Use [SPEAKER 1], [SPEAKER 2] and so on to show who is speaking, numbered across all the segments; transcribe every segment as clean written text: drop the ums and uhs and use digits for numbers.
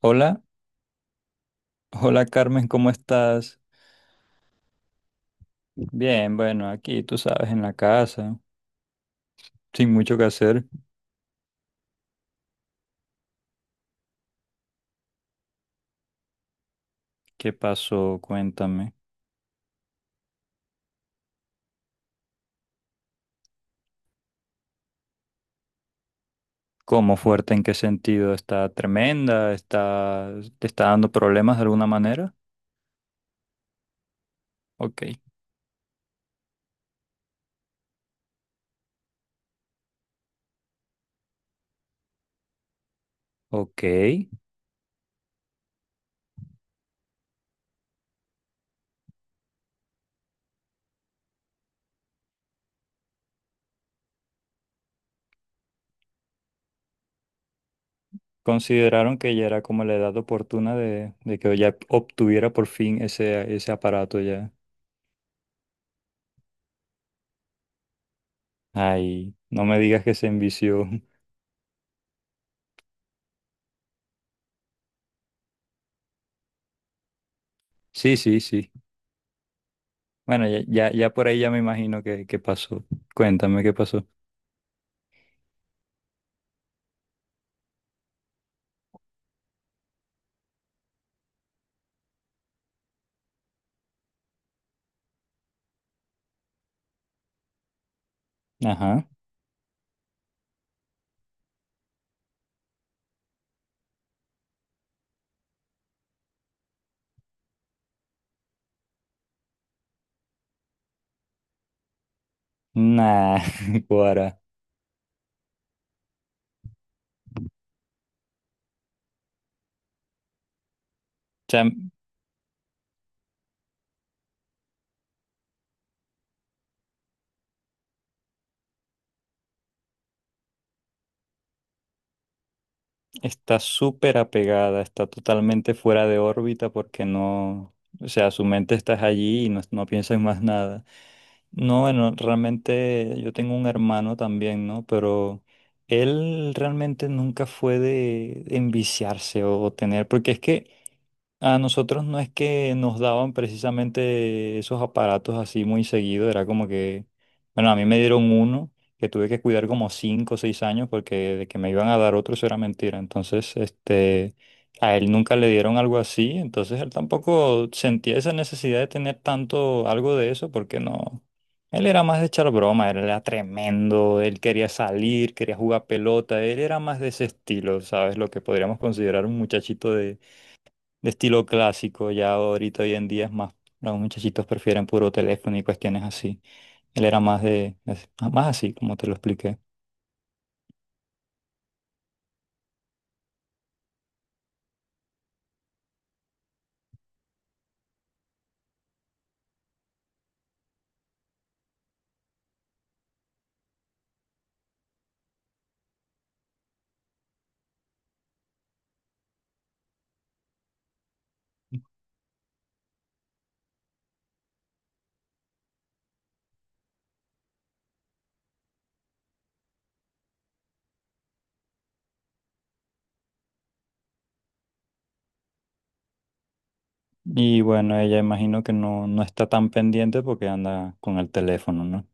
[SPEAKER 1] Hola, hola Carmen, ¿cómo estás? Bien, bueno, aquí tú sabes, en la casa, sin mucho que hacer. ¿Qué pasó? Cuéntame. ¿Cómo fuerte? ¿En qué sentido? ¿Está tremenda? ¿Está, te está dando problemas de alguna manera? Ok, ok. Consideraron que ya era como la edad oportuna de, que ya obtuviera por fin ese aparato ya. Ay, no me digas que se envició. Sí, sí, sí. Bueno, ya, ya, ya por ahí ya me imagino que pasó. Cuéntame qué pasó. Ajá. Nah, Guara. O sea, está súper apegada, está totalmente fuera de órbita porque no, o sea, su mente está allí y no, no piensa en más nada. No, bueno, realmente yo tengo un hermano también, ¿no? Pero él realmente nunca fue de enviciarse o tener, porque es que a nosotros no es que nos daban precisamente esos aparatos así muy seguido, era como que, bueno, a mí me dieron uno que tuve que cuidar como 5 o 6 años porque de que me iban a dar otro eso era mentira. Entonces, este, a él nunca le dieron algo así, entonces él tampoco sentía esa necesidad de tener tanto algo de eso porque no, él era más de echar broma, él era tremendo, él quería salir, quería jugar pelota, él era más de ese estilo, ¿sabes? Lo que podríamos considerar un muchachito de estilo clásico, ya ahorita hoy en día es más, los muchachitos prefieren puro teléfono y cuestiones así. Él era más de, más así, como te lo expliqué. Y bueno, ella imagino que no, no está tan pendiente porque anda con el teléfono, ¿no?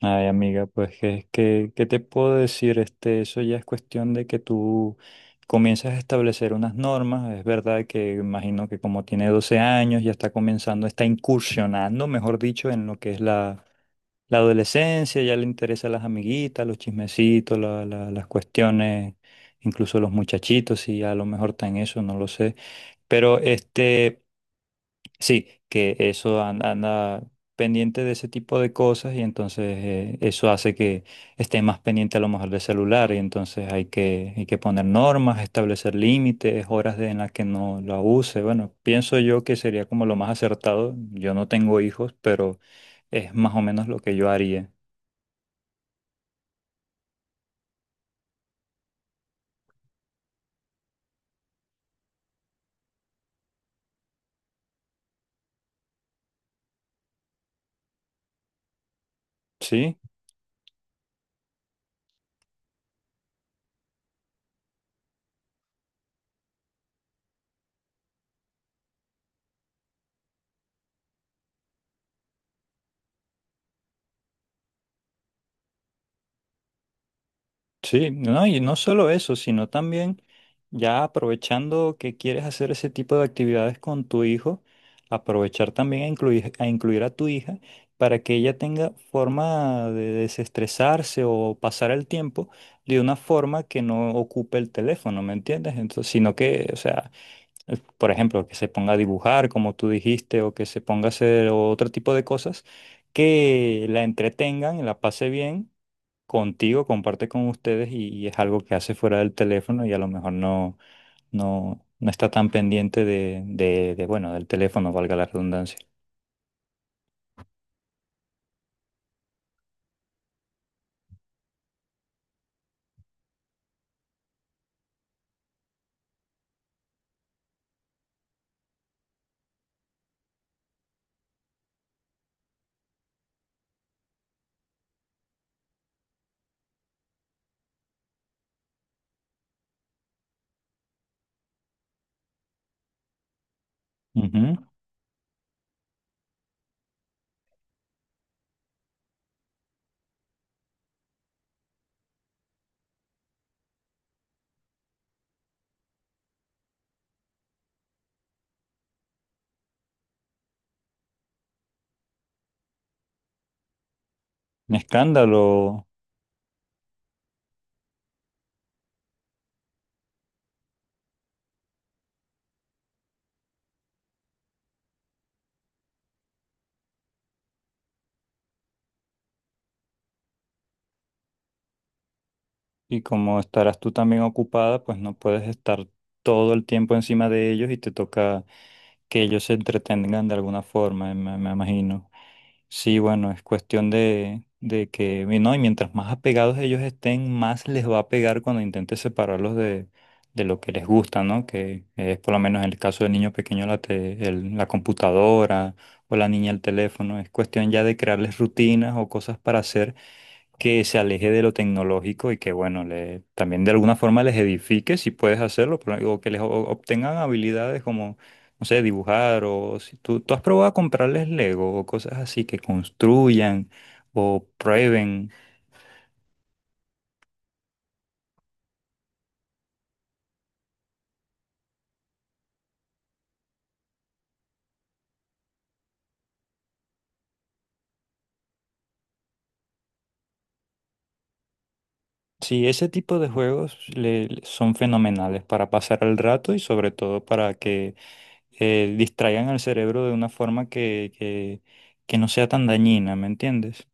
[SPEAKER 1] Ay, amiga, pues es que, ¿qué te puedo decir? Este, eso ya es cuestión de que tú comienzas a establecer unas normas. Es verdad que imagino que como tiene 12 años, ya está comenzando, está incursionando, mejor dicho, en lo que es la, adolescencia, ya le interesan las amiguitas, los chismecitos, las cuestiones, incluso los muchachitos, y a lo mejor está en eso, no lo sé. Pero este. Sí, que eso anda, pendiente de ese tipo de cosas y entonces eso hace que esté más pendiente a lo mejor del celular y entonces hay que poner normas, establecer límites, horas en las que no la use. Bueno, pienso yo que sería como lo más acertado. Yo no tengo hijos, pero es más o menos lo que yo haría. ¿Sí? Sí, no, y no solo eso, sino también ya aprovechando que quieres hacer ese tipo de actividades con tu hijo, aprovechar también a, incluir a tu hija para que ella tenga forma de desestresarse o pasar el tiempo de una forma que no ocupe el teléfono, ¿me entiendes? Entonces, sino que, o sea, por ejemplo, que se ponga a dibujar, como tú dijiste, o que se ponga a hacer otro tipo de cosas que la entretengan, la pase bien contigo, comparte con ustedes y es algo que hace fuera del teléfono y a lo mejor no, no, no está tan pendiente de, bueno, del teléfono, valga la redundancia. Ujú. Un escándalo. Y como estarás tú también ocupada, pues no puedes estar todo el tiempo encima de ellos y te toca que ellos se entretengan de alguna forma, me imagino. Sí, bueno, es cuestión de que, y no, y mientras más apegados ellos estén, más les va a pegar cuando intentes separarlos de lo que les gusta, ¿no? Que es por lo menos en el caso del niño pequeño la computadora o la niña el teléfono. Es cuestión ya de crearles rutinas o cosas para hacer que se aleje de lo tecnológico y que, bueno, también de alguna forma les edifique si puedes hacerlo, pero, o que les obtengan habilidades como, no sé, dibujar o si tú has probado a comprarles Lego o cosas así que construyan o prueben. Sí, ese tipo de juegos son fenomenales para pasar el rato y sobre todo para que distraigan al cerebro de una forma que, que no sea tan dañina, ¿me entiendes?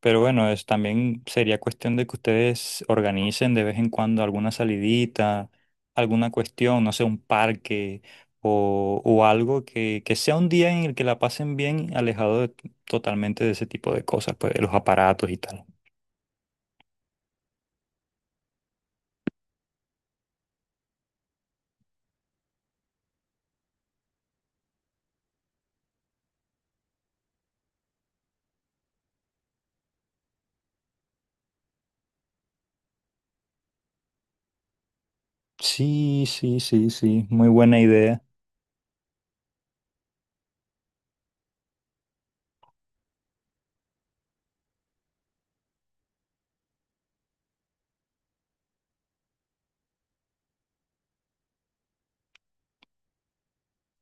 [SPEAKER 1] Pero bueno, es también sería cuestión de que ustedes organicen de vez en cuando alguna salidita, alguna cuestión, no sé, un parque o algo que sea un día en el que la pasen bien, alejado totalmente de ese tipo de cosas, pues de los aparatos y tal. Sí, sí, sí, sí, muy buena idea.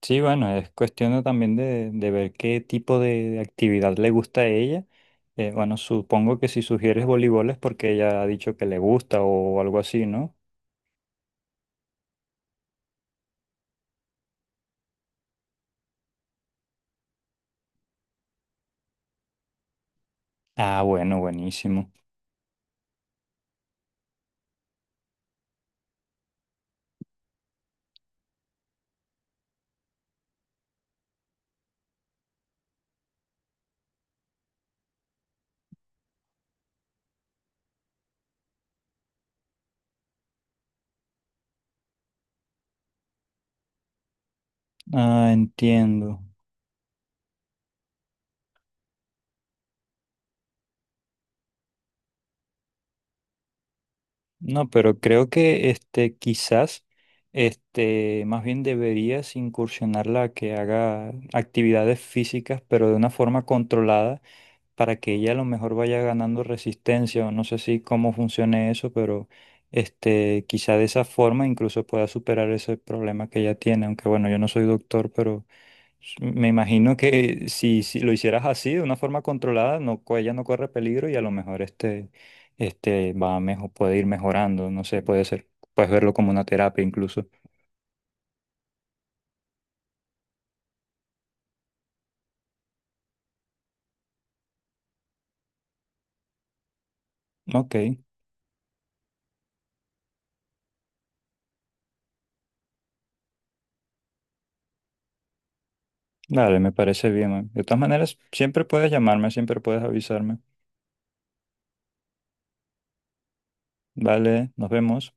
[SPEAKER 1] Sí, bueno, es cuestión de también de ver qué tipo de actividad le gusta a ella. Bueno, supongo que si sugieres voleibol es porque ella ha dicho que le gusta o algo así, ¿no? Ah, bueno, buenísimo. Ah, entiendo. No, pero creo que este quizás este más bien deberías incursionarla a que haga actividades físicas, pero de una forma controlada. Para que ella a lo mejor vaya ganando resistencia, o no sé si cómo funcione eso, pero este, quizá de esa forma incluso pueda superar ese problema que ella tiene, aunque bueno, yo no soy doctor, pero me imagino que si lo hicieras así, de una forma controlada, no, ella no corre peligro y a lo mejor este va mejor, puede ir mejorando, no sé, puede ser, puedes verlo como una terapia incluso. Ok, dale, me parece bien, man. De todas maneras, siempre puedes llamarme, siempre puedes avisarme. Vale, nos vemos.